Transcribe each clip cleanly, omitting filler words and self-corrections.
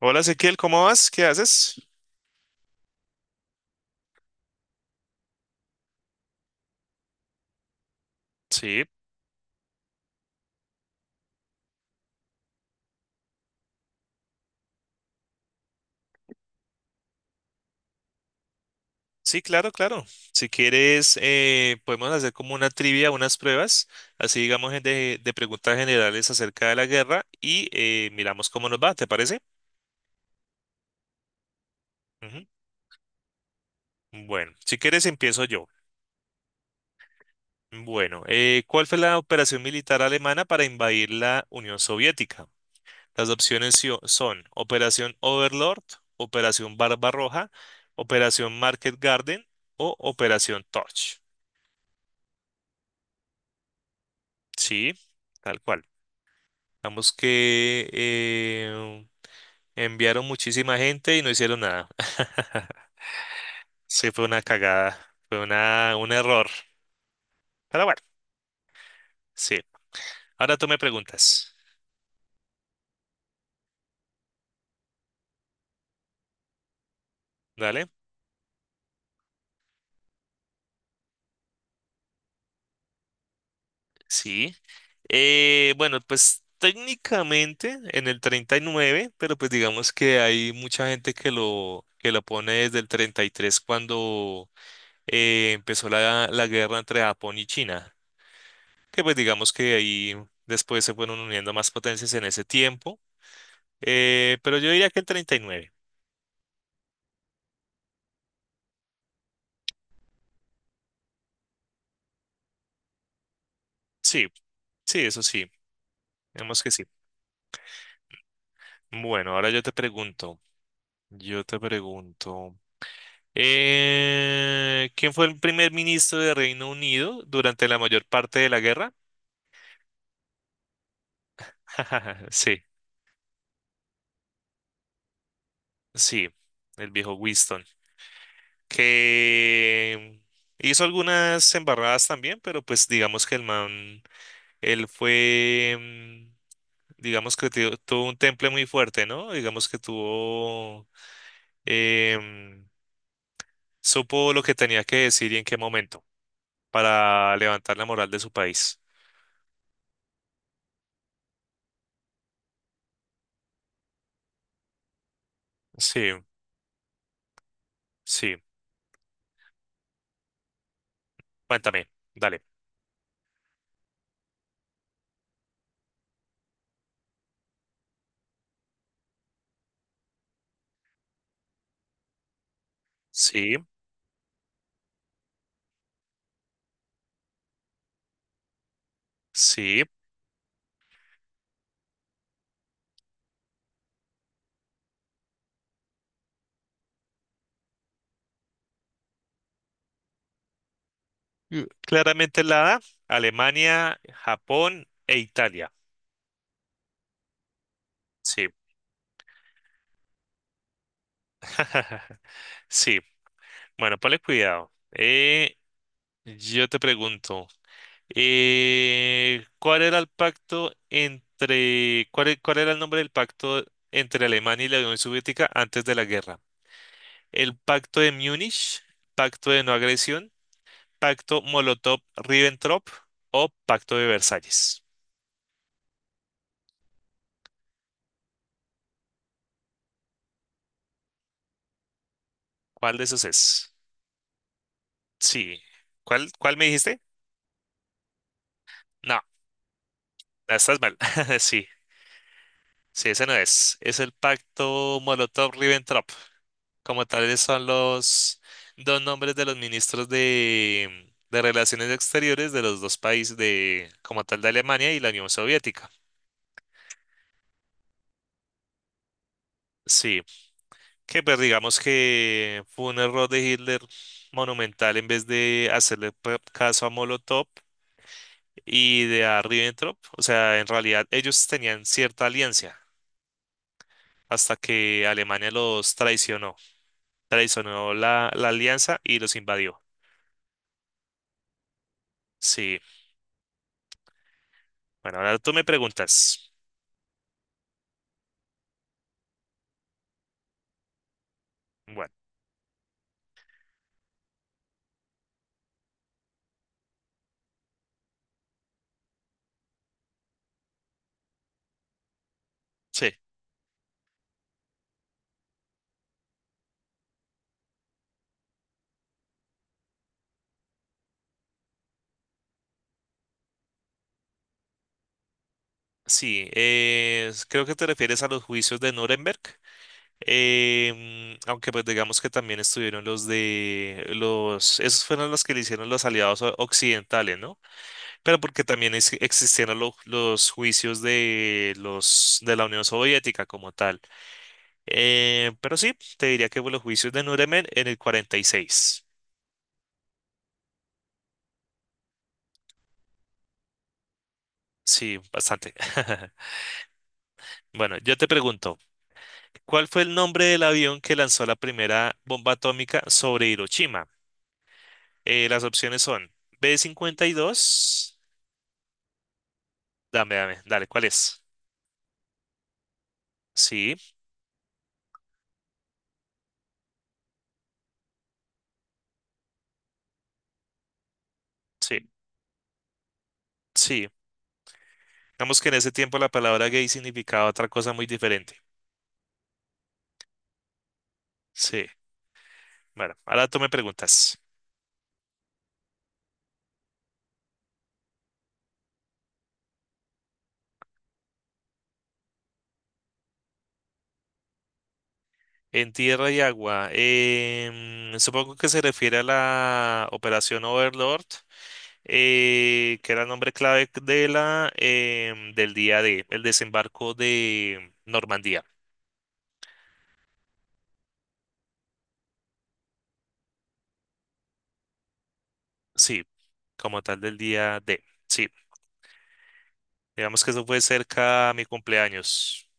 Hola Ezequiel, ¿cómo vas? ¿Qué haces? Sí, sí, claro, claro. Si quieres, podemos hacer como una trivia, unas pruebas, así digamos de preguntas generales acerca de la guerra y miramos cómo nos va, ¿te parece? Ujú. Bueno, si quieres empiezo yo. Bueno, ¿cuál fue la operación militar alemana para invadir la Unión Soviética? Las opciones son Operación Overlord, Operación Barbarroja, Operación Market Garden o Operación Torch. Sí, tal cual. Vamos que enviaron muchísima gente y no hicieron nada. Sí, fue una cagada, fue un error. Pero bueno, sí. Ahora tú me preguntas, ¿vale? Sí. Bueno, pues técnicamente en el 39, pero pues digamos que hay mucha gente que que lo pone desde el 33 cuando empezó la guerra entre Japón y China, que pues digamos que ahí después se fueron uniendo más potencias en ese tiempo, pero yo diría que el 39. Sí, sí, eso sí, digamos que sí. Bueno, ahora yo te pregunto, yo te pregunto, ¿quién fue el primer ministro de Reino Unido durante la mayor parte de la guerra? Sí, sí, el viejo Winston, que hizo algunas embarradas también, pero pues digamos que el man él fue, digamos que tuvo un temple muy fuerte, ¿no? Digamos que tuvo, em, supo lo que tenía que decir y en qué momento para levantar la moral de su país. Sí, sí, cuéntame, dale. Sí, sí. Mm, claramente la A, Alemania, Japón e Italia. Sí, sí. Bueno, ponle cuidado. Yo te pregunto. ¿Cuál era el pacto cuál era el nombre del pacto entre Alemania y la Unión Soviética antes de la guerra? El pacto de Múnich, pacto de no agresión, pacto Molotov-Ribbentrop o pacto de Versalles. ¿Cuál de esos es? Sí. Cuál me dijiste? No, estás mal. Sí, sí, ese no es. Es el pacto Molotov-Ribbentrop, como tales son los dos nombres de los ministros de Relaciones Exteriores de los dos países de, como tal, de Alemania y la Unión Soviética. Sí, que pues digamos que fue un error de Hitler monumental en vez de hacerle caso a Molotov y de a Ribbentrop. O sea, en realidad ellos tenían cierta alianza hasta que Alemania los traicionó, traicionó la alianza y los invadió. Sí, bueno, ahora tú me preguntas. Bueno, sí. Sí, creo que te refieres a los juicios de Nuremberg, aunque pues digamos que también estuvieron los de esos fueron los que le hicieron los aliados occidentales, ¿no? Pero porque también existieron los juicios de los de la Unión Soviética como tal. Pero sí, te diría que fue los juicios de Nuremberg en el 46. Sí, bastante. Bueno, yo te pregunto, ¿cuál fue el nombre del avión que lanzó la primera bomba atómica sobre Hiroshima? Las opciones son b cincuenta y dos. Dame, dale, ¿cuál es? Sí, sí, sí. Digamos que en ese tiempo la palabra gay significaba otra cosa muy diferente. Sí, bueno, ahora tú me preguntas. En tierra y agua, supongo que se refiere a la operación Overlord, que era el nombre clave de la, del día D, el desembarco de Normandía. Sí, como tal del día D. Sí. Digamos que eso fue cerca a mi cumpleaños.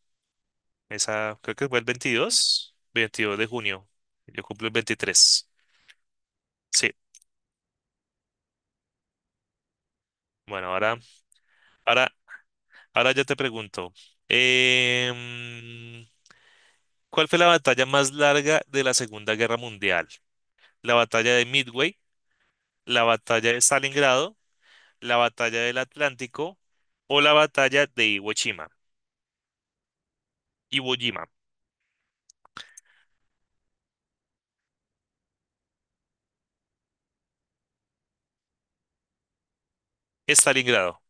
Esa, creo que fue el 22 22 de junio. Yo cumplo el veintitrés. Sí, bueno, ahora, ahora, ahora ya te pregunto. em, ¿Cuál fue la batalla más larga de la Segunda Guerra Mundial? ¿La batalla de Midway, la batalla de Stalingrado, la batalla del Atlántico o la batalla de Iwo Jima? Iwo Jima, Stalingrado.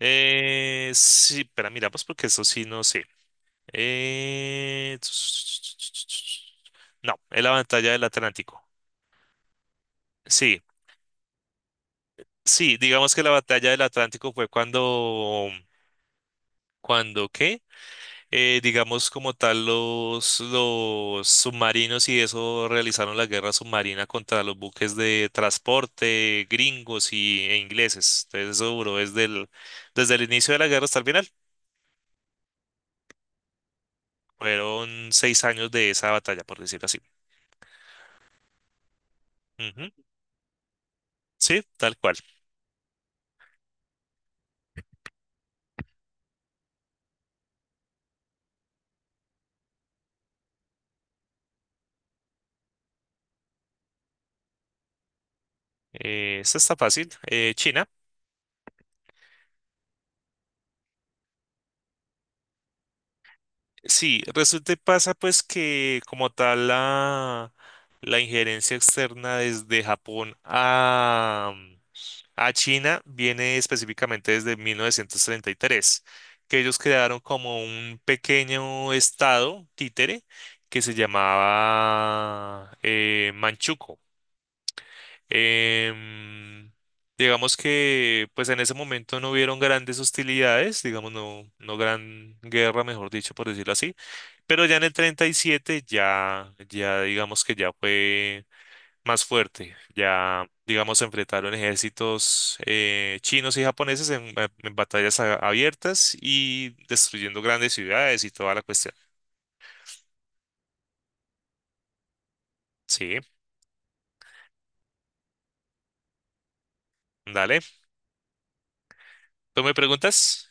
Sí, pero miramos porque eso sí no sé. Eh, no, es la batalla del Atlántico. Sí, sí, digamos que la batalla del Atlántico fue cuando qué, digamos como tal los submarinos y eso realizaron la guerra submarina contra los buques de transporte gringos e ingleses. Entonces eso duró desde desde el inicio de la guerra hasta el final. Fueron seis años de esa batalla, por decirlo así. Ujú, sí, tal cual. Esta está fácil. China. Sí, resulta y pasa pues que como tal la injerencia externa desde Japón a China viene específicamente desde 1933, que ellos crearon como un pequeño estado títere que se llamaba Manchukuo. Em, digamos que pues en ese momento no hubieron grandes hostilidades, digamos no, no gran guerra, mejor dicho, por decirlo así, pero ya en el 37 ya digamos que ya fue más fuerte, ya digamos se enfrentaron ejércitos chinos y japoneses en batallas abiertas y destruyendo grandes ciudades y toda la cuestión. Sí, dale. ¿Tú me preguntas?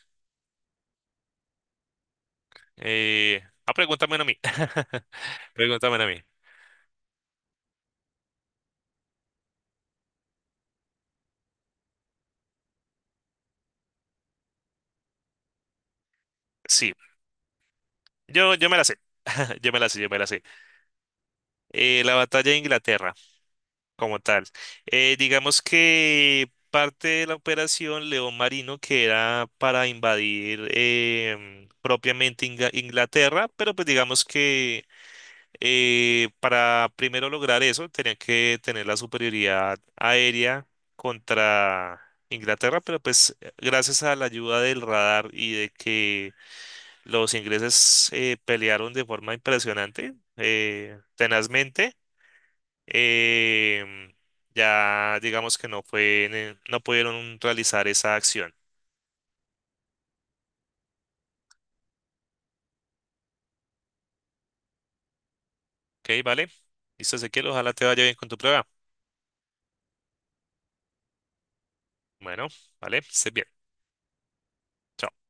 Pregúntame a mí. Pregúntame a mí. Sí. Yo me la sé. Yo me la sé, yo me la sé. La batalla de Inglaterra, como tal. Digamos que parte de la operación León Marino, que era para invadir propiamente Inglaterra, pero pues digamos que para primero lograr eso, tenían que tener la superioridad aérea contra Inglaterra, pero pues gracias a la ayuda del radar y de que los ingleses pelearon de forma impresionante, tenazmente. em, ya digamos que no fue, no pudieron realizar esa acción. Ok, vale. Listo, Ezequiel, ojalá te vaya bien con tu prueba. Bueno, vale, estés bien. Chao.